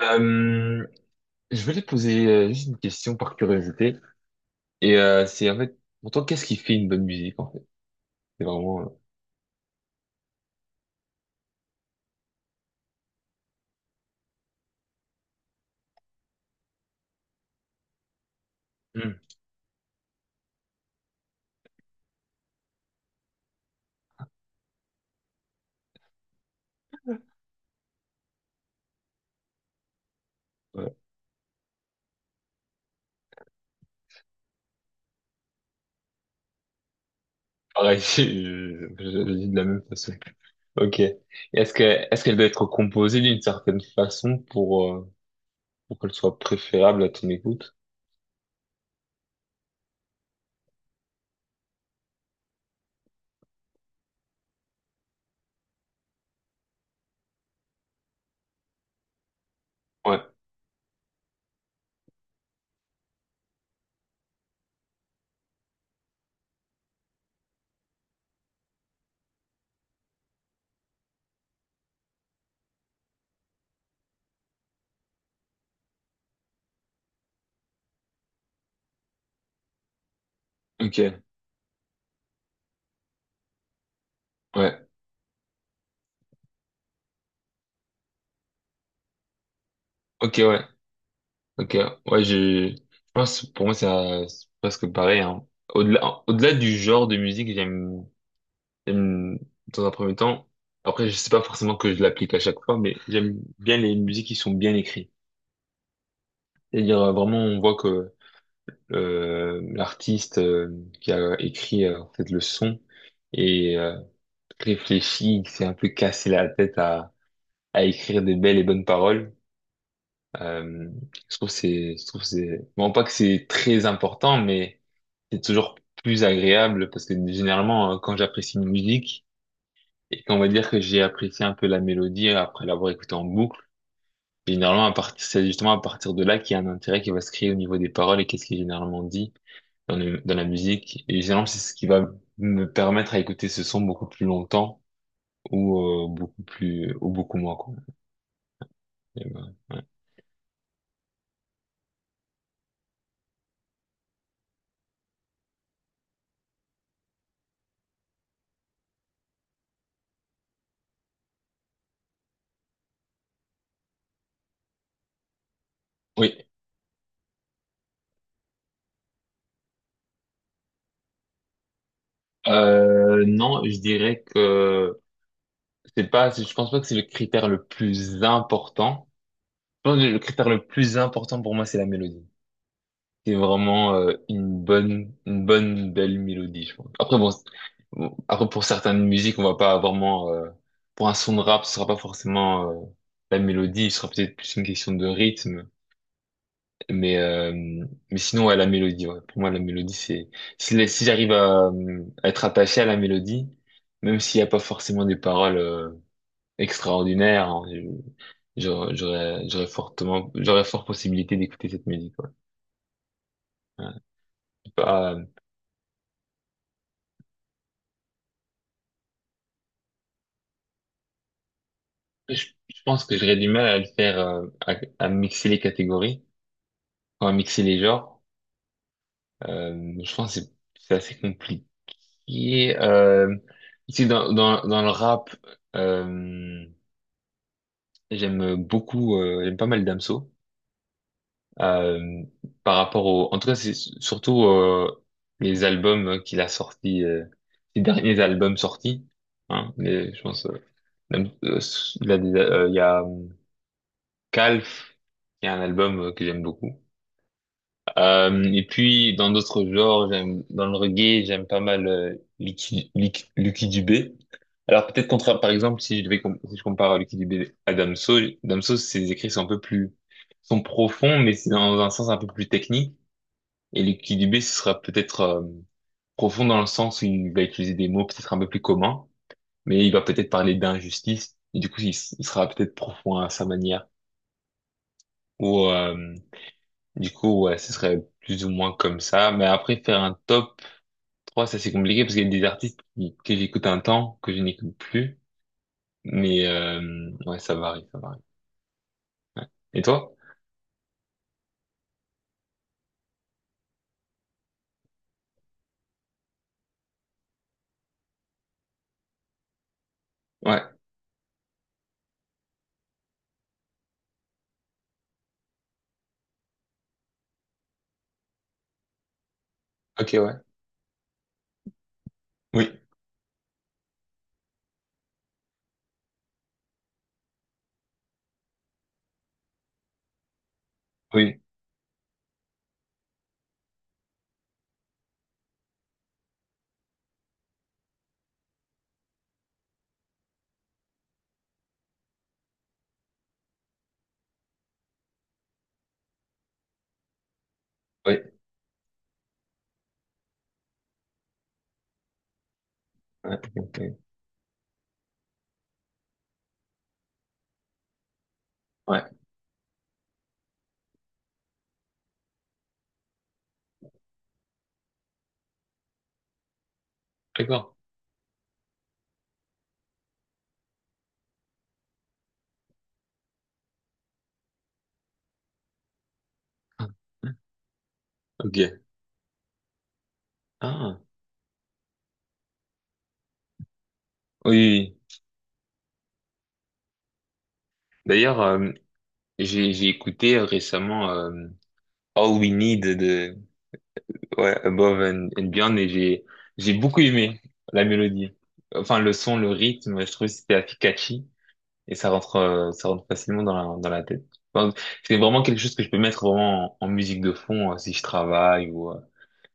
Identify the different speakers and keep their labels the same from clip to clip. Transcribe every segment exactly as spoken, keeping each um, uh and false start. Speaker 1: Euh, je voulais te poser euh, juste une question par curiosité. Et euh, c'est en fait, pour toi, qu'est-ce qui fait une bonne musique en fait? C'est vraiment... euh, hmm, ouais. Pareil, je, je- je- je dis de la même façon. Ok. Et est-ce que, est-ce qu'elle doit être composée d'une certaine façon pour, euh, pour qu'elle soit préférable à ton écoute? Ouais. Ok. Ouais. Ok, ouais. Ok. Ouais, je, je pense, pour moi, c'est euh, c'est presque pareil, hein. Au-delà, au-delà du genre de musique, j'aime J'aime, dans un premier temps, après, je sais pas forcément que je l'applique à chaque fois, mais j'aime bien les musiques qui sont bien écrites. C'est-à-dire, euh, vraiment, on voit que euh, l'artiste euh, qui a écrit euh, en fait, le son et euh, réfléchi, il s'est un peu cassé la tête à, à écrire des belles et bonnes paroles. Euh, je trouve que c'est, je trouve que c'est, bon, pas que c'est très important, mais c'est toujours plus agréable parce que généralement, euh, quand j'apprécie une musique, et on va dire que j'ai apprécié un peu la mélodie euh, après l'avoir écoutée en boucle. Généralement, à partir, c'est justement à partir de là qu'il y a un intérêt qui va se créer au niveau des paroles et qu'est-ce qui est généralement dit dans le- dans la musique. Et généralement, c'est ce qui va me permettre à écouter ce son beaucoup plus longtemps ou euh, beaucoup plus ou beaucoup moins quoi. Et ben, ouais. Oui. Euh, non, je dirais que c'est pas, je pense pas que c'est le critère le plus important. Je pense que le critère le plus important pour moi, c'est la mélodie. C'est vraiment euh, une bonne, une bonne belle mélodie, je pense. Après bon, c'est- bon, après pour certaines musiques, on va pas vraiment. euh, pour un son de rap, ce sera pas forcément euh, la mélodie, ce sera peut-être plus une question de rythme. Mais euh, mais sinon, ouais, la mélodie. Ouais. Pour moi, la mélodie, c'est si, la- si j'arrive à, euh, à être attaché à la mélodie, même s'il y a pas forcément des paroles euh, extraordinaires, hein, je- j'aurais j'aurais j'aurais fortement, j'aurais fort possibilité d'écouter cette musique. Ouais. Ouais. Je sais pas. Je, je pense que j'aurais du mal à le faire, euh, à, à mixer les catégories, enfin, à mixer les genres. Euh, je pense que c'est c'est assez compliqué. Euh, ici, dans, dans, dans le rap, euh, j'aime beaucoup, euh, j'aime pas mal Damso. Euh, par rapport au, en tout cas, c'est surtout euh, les albums qu'il a sortis, euh, les derniers albums sortis. Hein, les- je pense, euh, Dam- euh, il a des- euh, il y a euh, Calf, il y a un album euh, que j'aime beaucoup. Euh, et puis dans d'autres genres, j'aime dans le reggae, j'aime pas mal euh, Lucky, Lucky, Lucky Dubé. Alors peut-être contraire, par exemple, si je devais com- si je compare à Lucky Dubé à Damso, Damso ses écrits sont un peu plus sont profonds, mais c'est dans un sens un peu plus technique. Et Lucky Dubé ce sera peut-être euh, profond dans le sens où il va utiliser des mots peut-être un peu plus communs, mais il va peut-être parler d'injustice. Et du coup, il, s- il sera peut-être profond à sa manière. Ou euh, du coup, ouais, ce serait plus ou moins comme ça. Mais après, faire un top trois, ça c'est compliqué parce qu'il y a des artistes qui- que j'écoute un temps, que je n'écoute plus. Mais euh, ouais, ça varie, ça varie. Ouais. Et toi? Ouais. Ok, ouais. Oui, oui, oui. Ouais, ok, ok. Ouais. D'accord. Ah. Ok. Ah, oui, oui, oui. D'ailleurs, euh, j'ai j'ai écouté euh, récemment euh, All We Need de ouais, Above and, and Beyond et j'ai j'ai beaucoup aimé la mélodie. Enfin, le son, le rythme, je trouve que c'était efficace. Et ça rentre, euh, ça rentre facilement dans la, dans la tête. Donc, c'est vraiment quelque chose que je peux mettre vraiment en, en musique de fond euh, si je travaille ou euh,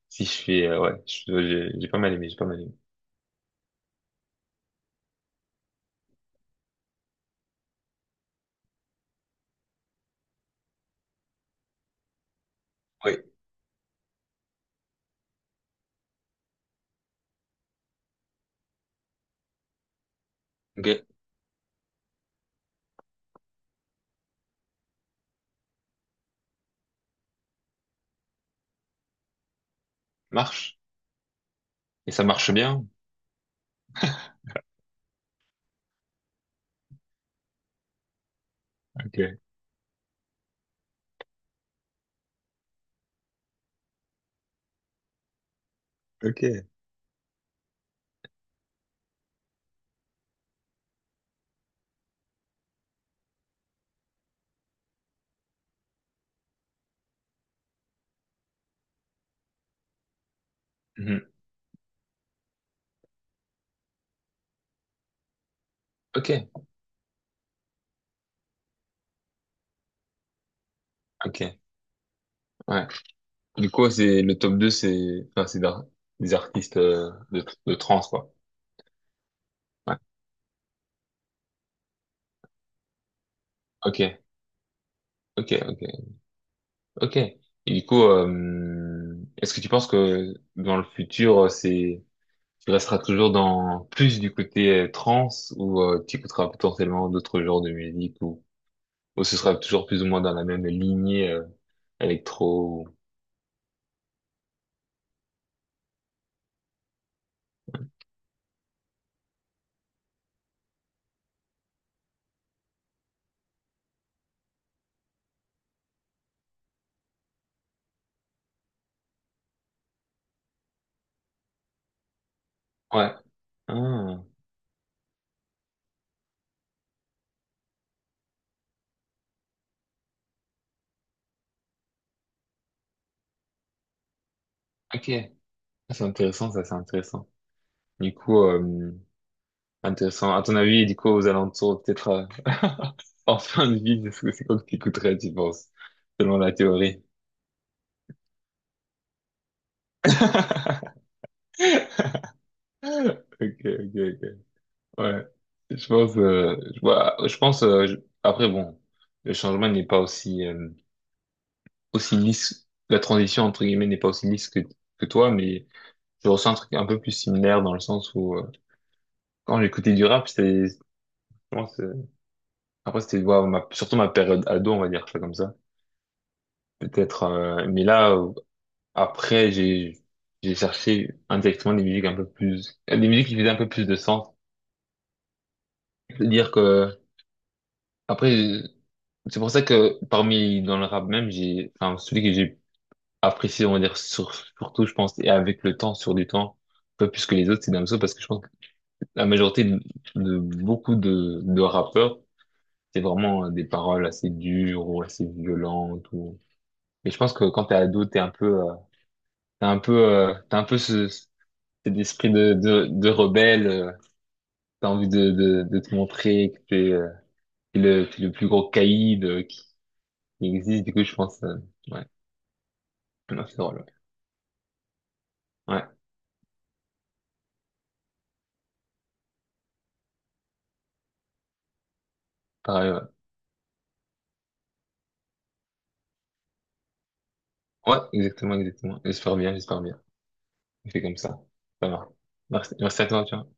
Speaker 1: si je fais, euh, ouais, je- ouais, j'ai j'ai pas mal aimé, j'ai pas mal aimé. Oui, ok, marche. Et ça marche bien. Ok, ok, mhm, ok, ok, ouais. Du coup, c'est le top deux c'est, enfin, c'est d'ar- des artistes euh, de, de trance, quoi. Ouais, ok, ok, ok, ok. Et du coup, euh, est-ce que tu penses que dans le futur, c'est tu resteras toujours dans plus du côté euh, trance ou euh, tu écouteras potentiellement d'autres genres de musique ou, ou ce sera toujours plus ou moins dans la même lignée euh, électro. ou- Ouais. Ah, ok. Ah, c'est intéressant, ça, c'est intéressant. Du coup, euh, intéressant. À ton avis, du coup, aux alentours, peut-être euh, en fin de vie, c'est ce que c'est quoi que tu écouterais, tu penses, selon la théorie? Ok, ok, ok. Ouais. Je pense, euh, je, vois- je pense, euh, je- après, bon, le changement n'est pas aussi, euh, aussi lisse, la transition entre guillemets n'est pas aussi lisse que, que toi, mais je ressens un truc un peu plus similaire dans le sens où euh, quand j'écoutais du rap, c'était moi, c'est- après c'était ouais, ma, surtout ma période ado, on va dire ça comme ça. Peut-être, euh, mais là euh, après j'ai j'ai cherché indirectement des musiques un peu plus, des musiques qui faisaient un peu plus de sens. C'est-à-dire que après c'est pour ça que parmi dans le rap même j'ai, enfin celui que j'ai apprécié on va dire sur, surtout je pense et avec le temps sur du temps un peu plus que les autres, c'est Damso parce que je pense la majorité de, de beaucoup de, de rappeurs, c'est vraiment euh, des paroles assez dures ou assez violentes. Ou... Et je pense que quand t'es ado, t'es un peu, euh, t'as un peu, euh, t'as un peu ce, cet esprit de, de, de rebelle. Euh, t'as envie de, de, de te montrer que t'es euh, t'es le, t'es le plus gros caïd euh, qui qui existe. Du coup, je pense, euh, ouais, non, c'est drôle. Ouais, ouais, pareil. Ouais, ouais exactement, exactement. J'espère bien, j'espère bien. On fait comme ça. Ça va. Merci, merci à toi, tu vois.